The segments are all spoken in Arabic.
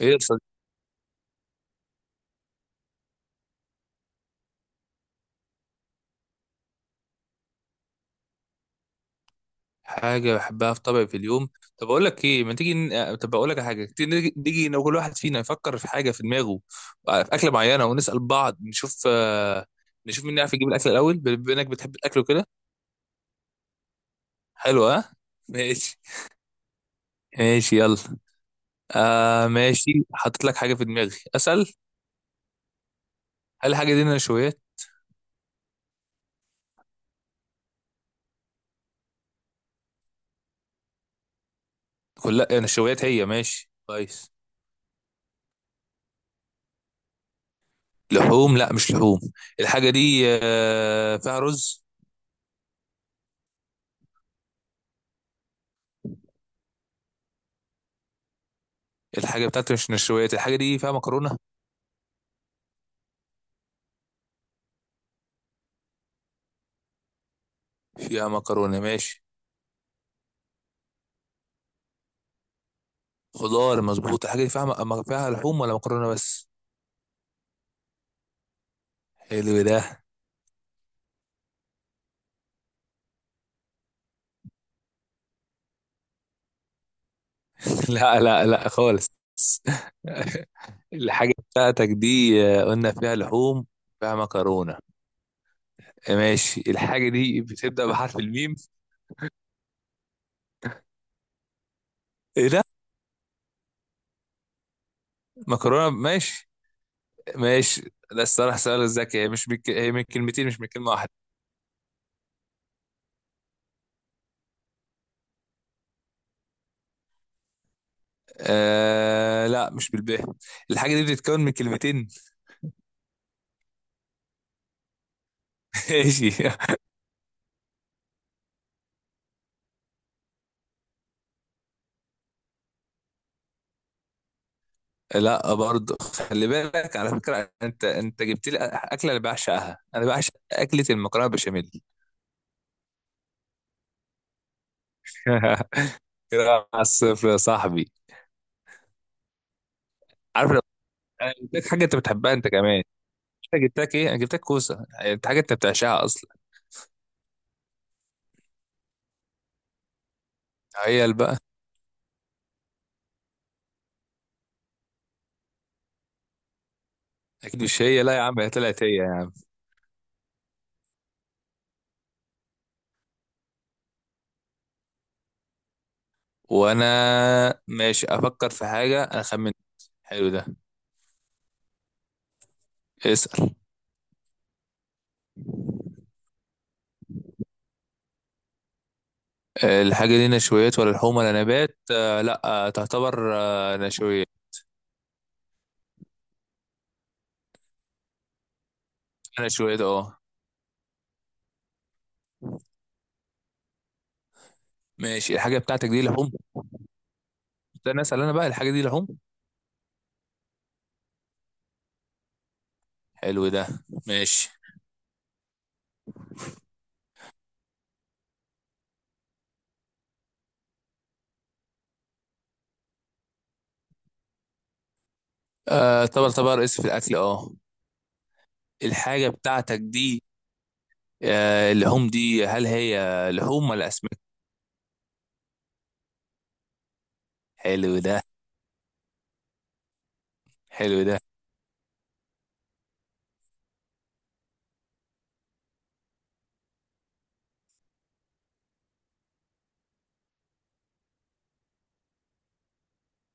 ايه يا صديقي. حاجة بحبها في طبعي في اليوم؟ طب اقول لك ايه؟ ما تيجي ن... آه، طب اقول لك على حاجة، تيجي نيجي لو كل واحد فينا يفكر في حاجة في دماغه، في أكلة معينة، ونسأل بعض نشوف، نشوف مين يعرف يجيب الأكل الأول بما إنك بتحب الأكل وكده. حلو، ها، ماشي. ماشي يلا. آه ماشي، حطيت لك حاجة في دماغي، أسأل. هل الحاجة دي نشويات؟ كلها نشويات هي، ماشي كويس. لحوم؟ لا مش لحوم. الحاجة دي فيها رز. الحاجة بتاعتي مش نشويات، الحاجة دي فيها مكرونة. فيها مكرونة، ماشي. خضار مظبوط. الحاجة دي فيها لحوم ولا مكرونة بس؟ حلو ده. لا لا لا خالص. الحاجة بتاعتك دي قلنا فيها لحوم، فيها مكرونة، ماشي. الحاجة دي بتبدأ بحرف الميم؟ ايه ده! مكرونة، ماشي، ماشي. ده الصراحة سؤال ذكي. هي من كلمتين، مش من كلمة واحدة. آه لا، مش بالباء. الحاجة دي بتتكون من كلمتين. ماشي. لا برضه. خلي بالك على فكرة، انت جبت لي اكلة انا بعشقها، انا بعشق اكلة المكرونة بشاميل. كده، على الصفر يا صاحبي. عارف، لو انا جبت لك حاجة انت بتحبها انت كمان، انا جبت لك ايه؟ انا جبت لك كوسة، انت حاجة انت بتعشقها اصلا. هي بقى. اكيد مش هي؟ لا يا عم، هي طلعت هي يعني. وانا ماشي افكر في حاجة، انا خمنت. حلو ده، اسأل. الحاجة دي نشويات ولا لحوم ولا نبات؟ لا، تعتبر نشويات. نشويات، اه. ماشي. الحاجة بتاعتك دي لحوم؟ ده انا اسال انا بقى، الحاجه دي لحوم؟ حلو ده، ماشي. آه طبعا طبعا، رئيس في الاكل، اه. الحاجه بتاعتك دي اللحوم دي، هل هي لحوم ولا اسماك؟ حلو ده. حلو ده.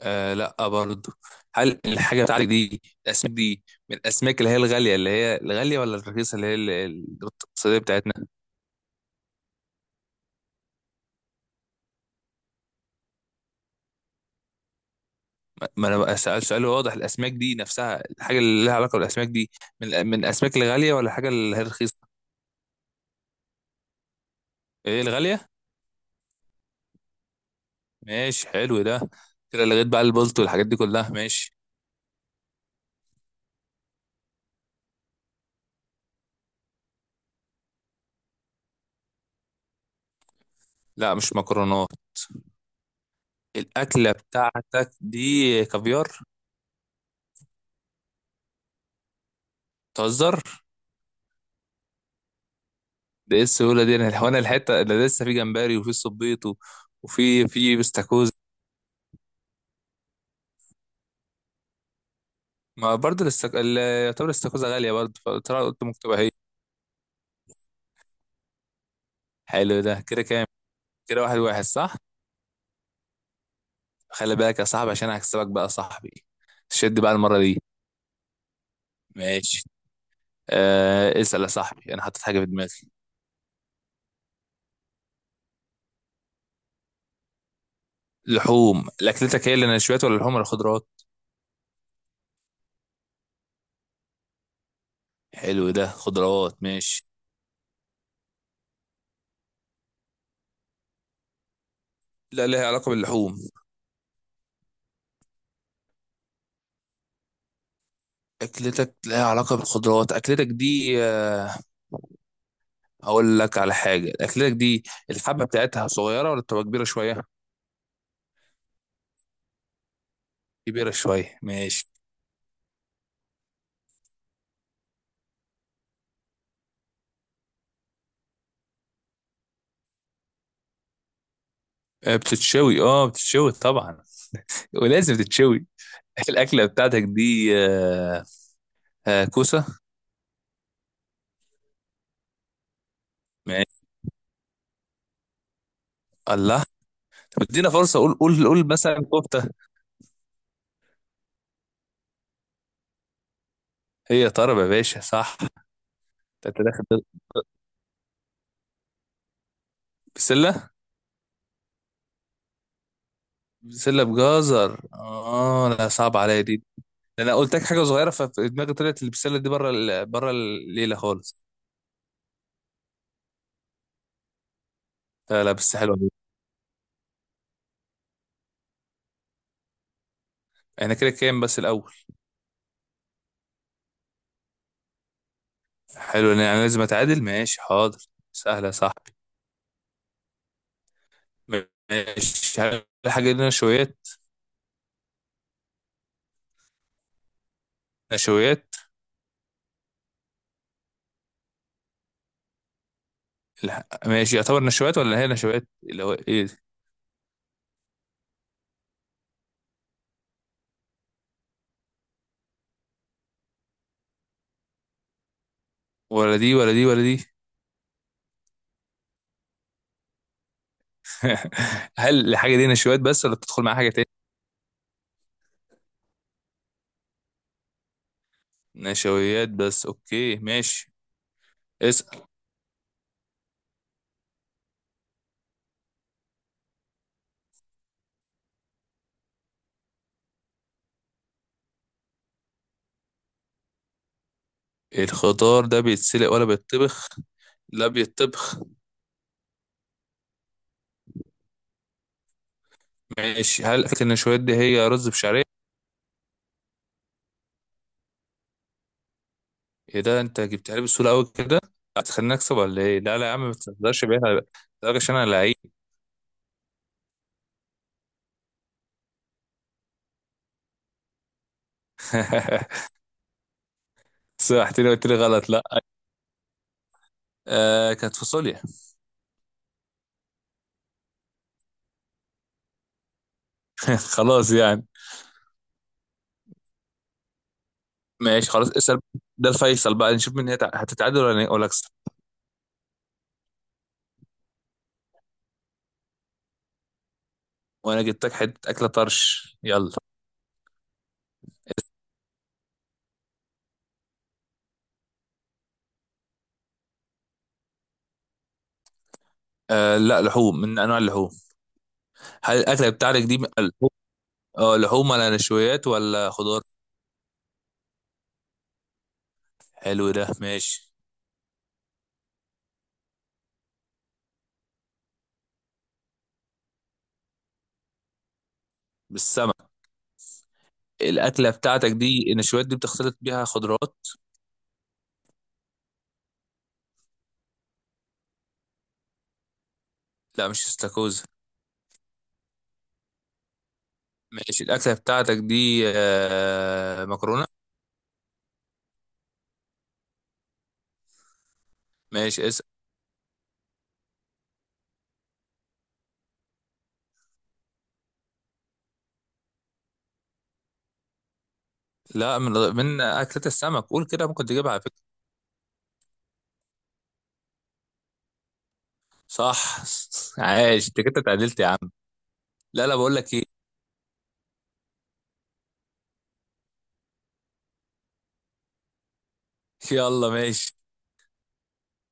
آه لا برضو. هل الحاجه بتاعتك دي الاسماك دي، من الاسماك اللي هي الغاليه، اللي هي الغاليه، ولا الرخيصه اللي هي الاقتصاديه بتاعتنا؟ ما انا بقى سأل سؤال واضح، الاسماك دي نفسها، الحاجه اللي لها علاقه بالاسماك دي، من الاسماك الغاليه ولا الحاجه اللي هي الرخيصه؟ ايه، الغاليه؟ ماشي حلو ده. كده لغيت بقى البلط والحاجات دي كلها، ماشي. لا مش مكرونات. الاكله بتاعتك دي كافيار. تهزر؟ ده ايه السهوله دي! انا الحته اللي لسه في جمبري وفي صبيط و- وفي بستاكوزا. ما برضه يعتبر الاستاكوزا غاليه برضه، قلت ممكن تبقى هي. حلو ده. كده كام؟ كده 1-1، صح؟ خلي بالك يا صاحبي، عشان هكسبك بقى يا صاحبي. شد بقى المره دي. ماشي. آه اسال يا صاحبي، انا حطيت حاجه في دماغي. لحوم. اكلتك هي اللي نشويات ولا اللحوم ولا خضروات؟ حلو ده، خضروات، ماشي. لا، لها علاقة باللحوم. اكلتك لها علاقة بالخضروات. اكلتك دي هقول لك على حاجة. اكلتك دي الحبة بتاعتها صغيرة ولا بتبقى كبيرة شوية؟ كبيرة شوية، ماشي. بتتشوي؟ اه بتتشوي طبعا، ولازم تتشوي. الاكلة بتاعتك دي كوسة؟ ماشي. الله! طب ادينا فرصة، قول قول قول، مثلا كفتة. هي طرب يا باشا، صح. انت داخل. بسلة؟ بسلة بجزر، اه، لا صعب عليا دي. ده انا قلت لك حاجه صغيره ففي دماغي، طلعت البسله دي بره بره الليله خالص. لا لا، بس حلوه دي. احنا كده كام بس الاول؟ حلو، انا يعني لازم اتعادل، ماشي حاضر. سهله يا صاحبي. ماشي، هل الحاجه دي نشويات؟ نشويات. لا. ماشي، يعتبر نشويات ولا هي نشويات اللي هو ايه ده؟ ولا دي ولا دي ولا دي. هل الحاجه دي نشويات بس ولا بتدخل معاها حاجه تاني؟ نشويات بس، اوكي، ماشي، اسأل. الخضار ده بيتسلق ولا بيتطبخ؟ لا بيتطبخ. ماشي، هل فكرة ان شوية دي هي رز بشعرية؟ ايه ده! انت جبتها لي بسهولة قوي كده، هتخليني اكسب ولا ايه؟ لا لا يا عم، ما تهزرش بيها، لا. لا، عشان انا لعيب. سمحتني قلت لي غلط، لا. آه، كانت فاصوليا. خلاص يعني. ماشي خلاص، اسأل. ده الفيصل بقى، نشوف مين هتتعادل ولا اكسب. وانا جبت لك حتة اكلة، طرش، يلا. آه لا، لحوم، من انواع اللحوم. هل الاكلة بتاعتك دي من اللحوم؟ اه، لحوم ولا نشويات ولا خضار؟ حلو ده ماشي. بالسمنة. الأكلة بتاعتك دي، النشويات دي، بتختلط بيها خضروات؟ لا مش استاكوزا. ماشي، الأكلة بتاعتك دي مكرونة؟ ماشي اسأل. لا، من أكلة السمك، قول كده ممكن تجيبها على فكرة. صح! عايش انت كده، اتعدلت يا عم. لا لا، بقول لك ايه. يلا ماشي.